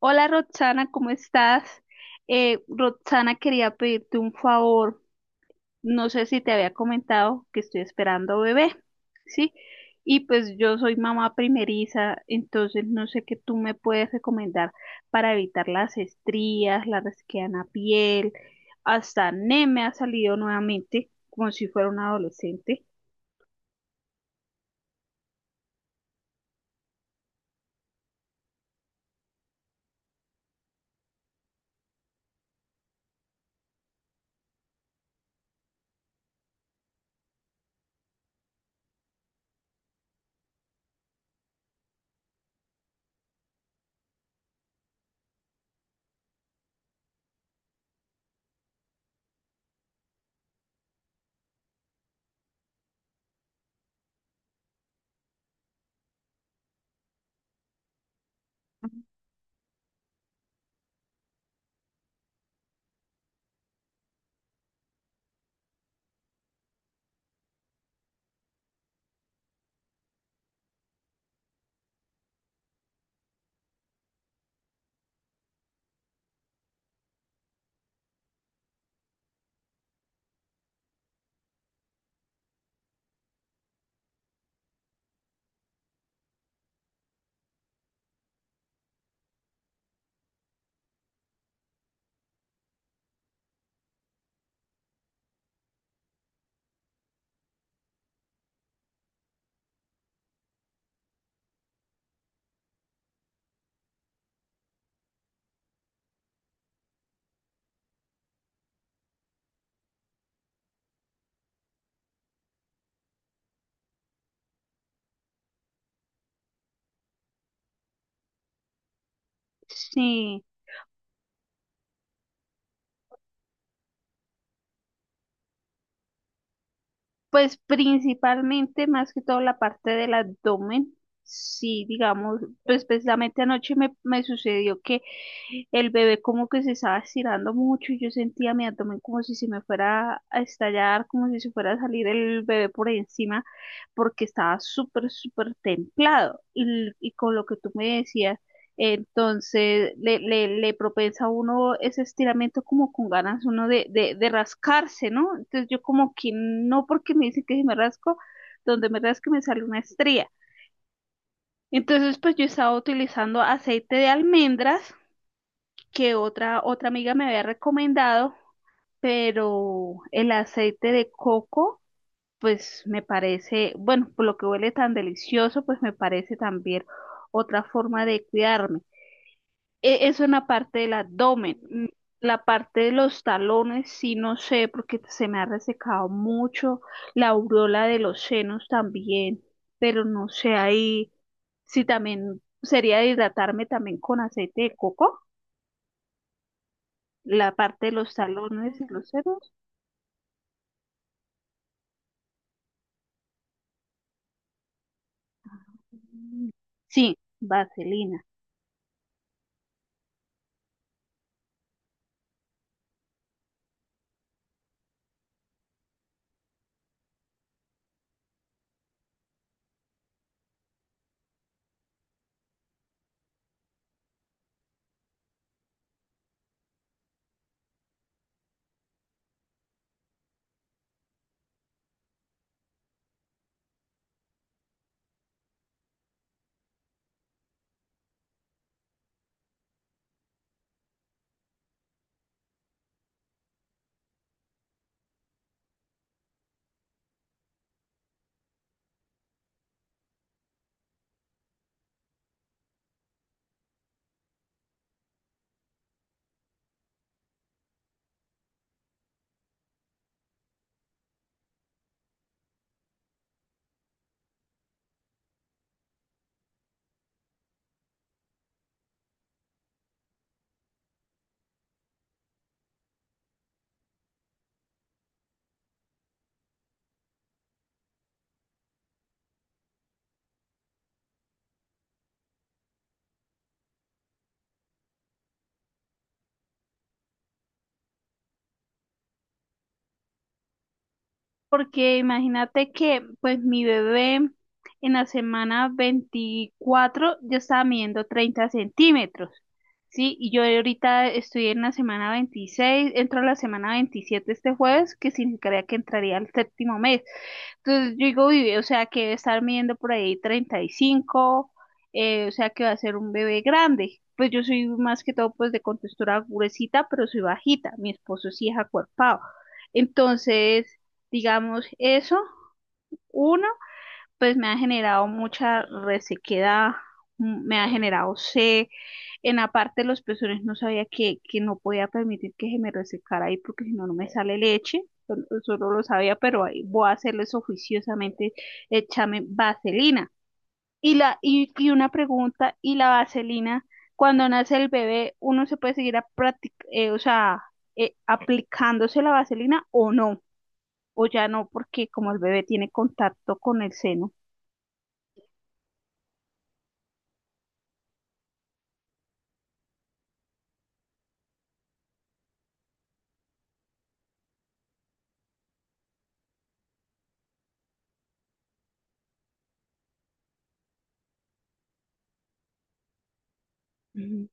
Hola Roxana, ¿cómo estás? Roxana, quería pedirte un favor. No sé si te había comentado que estoy esperando bebé, ¿sí? Y pues yo soy mamá primeriza, entonces no sé qué tú me puedes recomendar para evitar las estrías, la resequedad piel, hasta acné me ha salido nuevamente, como si fuera un adolescente. Sí. Pues principalmente, más que todo la parte del abdomen, sí, digamos, pues precisamente anoche me sucedió que el bebé como que se estaba estirando mucho y yo sentía mi abdomen como si se me fuera a estallar, como si se fuera a salir el bebé por encima, porque estaba súper, súper templado. Y con lo que tú me decías, entonces le propensa a uno ese estiramiento como con ganas uno de rascarse, ¿no? Entonces yo como que no porque me dicen que si me rasco, donde me rasque me sale una estría. Entonces pues yo estaba utilizando aceite de almendras que otra amiga me había recomendado, pero el aceite de coco pues me parece, bueno, por lo que huele tan delicioso, pues me parece también otra forma de cuidarme. Eso en la parte del abdomen. La parte de los talones, sí, no sé, porque se me ha resecado mucho. La aureola de los senos también, pero no sé ahí si también sería hidratarme también con aceite de coco, la parte de los talones y los senos. Sí, vaselina. Porque imagínate que pues mi bebé en la semana 24 ya estaba midiendo 30 centímetros, ¿sí? Y yo ahorita estoy en la semana 26, entro a la semana 27 este jueves, que significaría que entraría al séptimo mes. Entonces yo digo, vive, o sea que debe estar midiendo por ahí 35, o sea que va a ser un bebé grande. Pues yo soy más que todo pues de contextura gruesita, pero soy bajita. Mi esposo sí es acuerpado. Entonces, digamos eso, uno pues me ha generado mucha resequedad, me ha generado sed. En la parte de los pezones no sabía que no podía permitir que se me resecara ahí porque si no, no me sale leche. Solo lo sabía, pero ahí voy a hacerles oficiosamente, échame vaselina. Y una pregunta, ¿y la vaselina, cuando nace el bebé, uno se puede seguir o sea, aplicándose la vaselina o no? ¿O ya no, porque como el bebé tiene contacto con el seno? Ujú.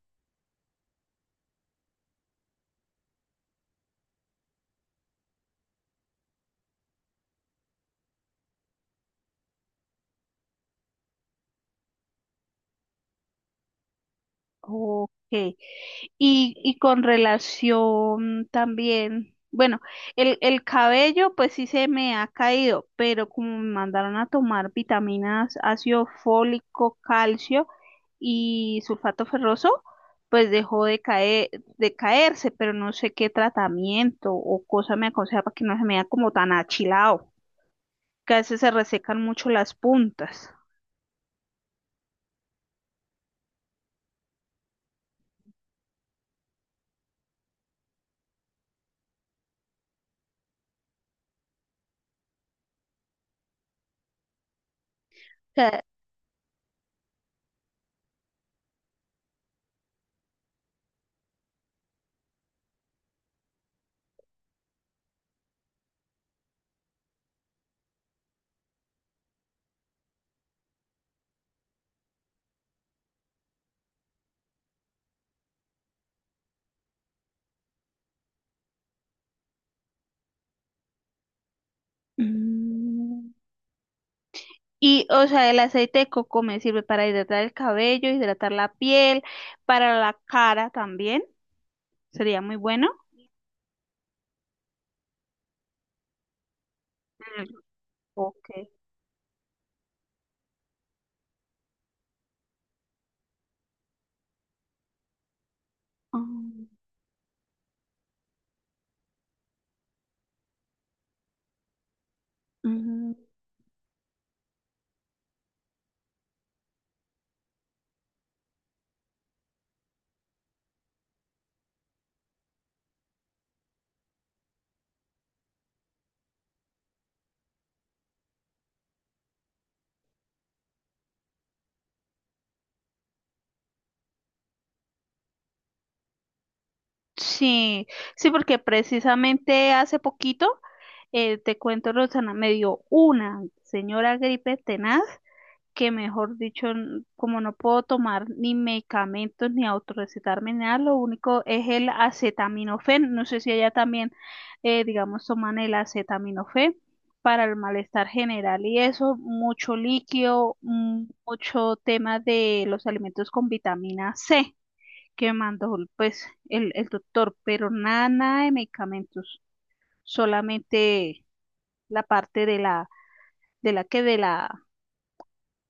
Ok. Y con relación también, bueno, el cabello pues sí se me ha caído, pero como me mandaron a tomar vitaminas, ácido fólico, calcio y sulfato ferroso, pues dejó de caerse, pero no sé qué tratamiento o cosa me aconseja para que no se me vea como tan achilado, que a veces se resecan mucho las puntas. Ca- Mm. Y, o sea, el aceite de coco me sirve para hidratar el cabello, hidratar la piel, para la cara también. Sería muy bueno. Mm, ok. Mm, mm. Sí, sí, porque precisamente hace poquito, te cuento, Rosana, me dio una señora gripe tenaz que mejor dicho, como no puedo tomar ni medicamentos ni autorrecetarme ni nada, lo único es el acetaminofén. No sé si allá también, digamos, toman el acetaminofén para el malestar general y eso, mucho líquido, mucho tema de los alimentos con vitamina C que mandó pues el doctor, pero nada, nada de medicamentos, solamente la parte de la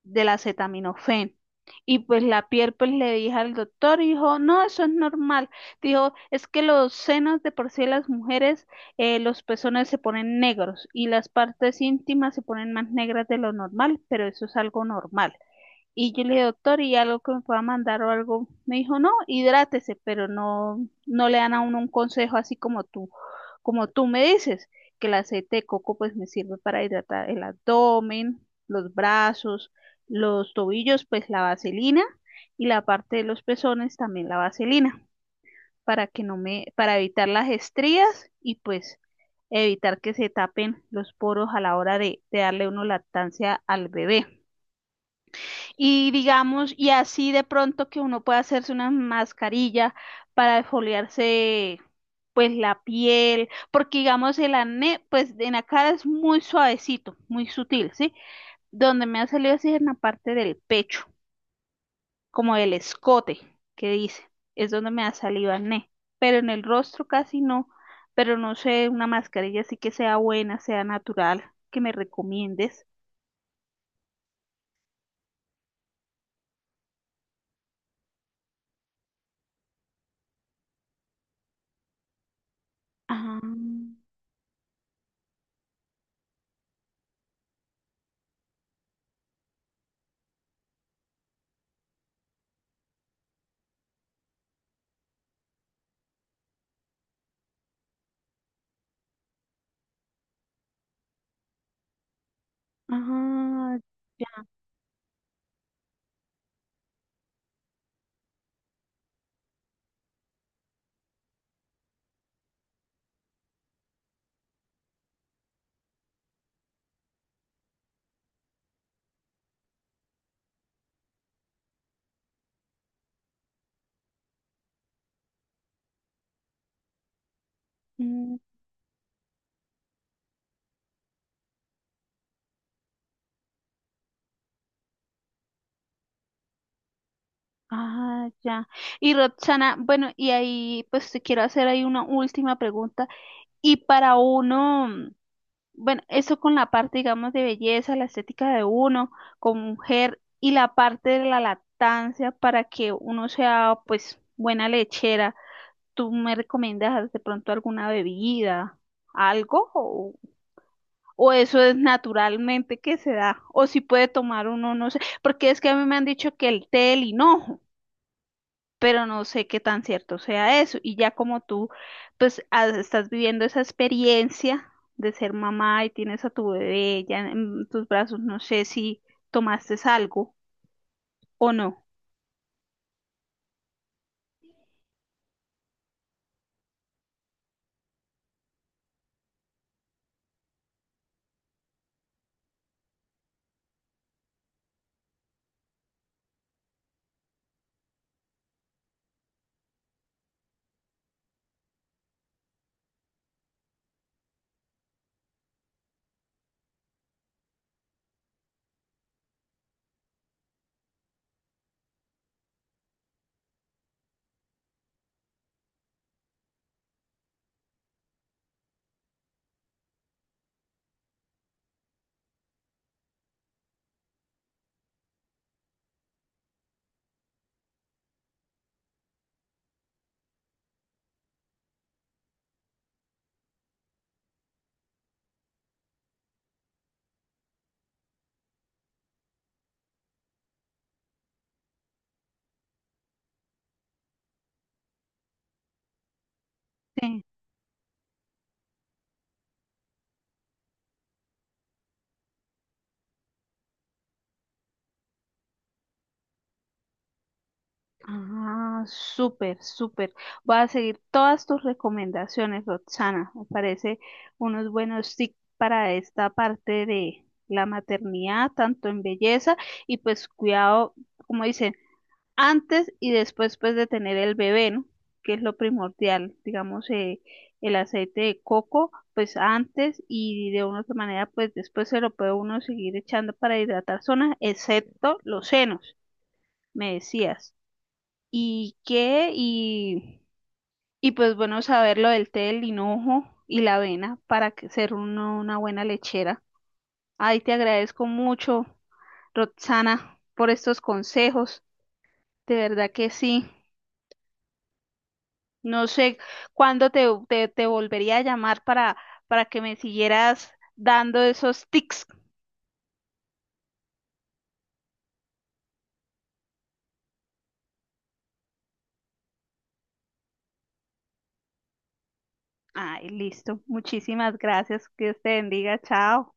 del acetaminofén. Y pues la piel pues le dije al doctor y dijo, no, eso es normal. Dijo, es que los senos de por sí de las mujeres, los pezones se ponen negros y las partes íntimas se ponen más negras de lo normal, pero eso es algo normal. Y yo le dije, doctor, ¿y algo que me pueda mandar o algo? Me dijo, no, hidrátese, pero no, no le dan a uno un consejo así como tú me dices, que el aceite de coco pues me sirve para hidratar el abdomen, los brazos, los tobillos, pues la vaselina, y la parte de los pezones también la vaselina, para que no me, para evitar las estrías y pues evitar que se tapen los poros a la hora de darle uno lactancia al bebé. Y digamos, y así de pronto que uno puede hacerse una mascarilla para exfoliarse pues la piel, porque digamos el acné pues en la cara es muy suavecito, muy sutil, ¿sí? Donde me ha salido así es en la parte del pecho, como el escote que dice, es donde me ha salido acné, pero en el rostro casi no, pero no sé, una mascarilla así que sea buena, sea natural, que me recomiendes. Ah, ah, ya. Ah, ya. Y Roxana, bueno, y ahí pues te quiero hacer ahí una última pregunta. Y para uno, bueno, eso con la parte, digamos, de belleza, la estética de uno como mujer y la parte de la lactancia para que uno sea pues buena lechera, ¿tú me recomiendas de pronto alguna bebida, algo? O eso es naturalmente que se da? O si puede tomar uno, no sé, porque es que a mí me han dicho que el té el hinojo, pero no sé qué tan cierto sea eso. Y ya como tú, pues estás viviendo esa experiencia de ser mamá y tienes a tu bebé ya en tus brazos, no sé si tomaste algo o no. Sí. Ah, súper, súper. Voy a seguir todas tus recomendaciones, Roxana. Me parece unos buenos tips para esta parte de la maternidad, tanto en belleza y pues cuidado, como dicen, antes y después pues de tener el bebé, ¿no? Que es lo primordial, digamos, el aceite de coco, pues antes y de una u otra manera, pues después se lo puede uno seguir echando para hidratar zonas, excepto los senos, me decías. ¿Y qué? Y pues bueno, saber lo del té, el hinojo y la avena ser uno una buena lechera. Ay, te agradezco mucho, Roxana, por estos consejos. De verdad que sí. No sé cuándo te volvería a llamar para que me siguieras dando esos tics. Ay, listo. Muchísimas gracias. Dios te bendiga. Chao.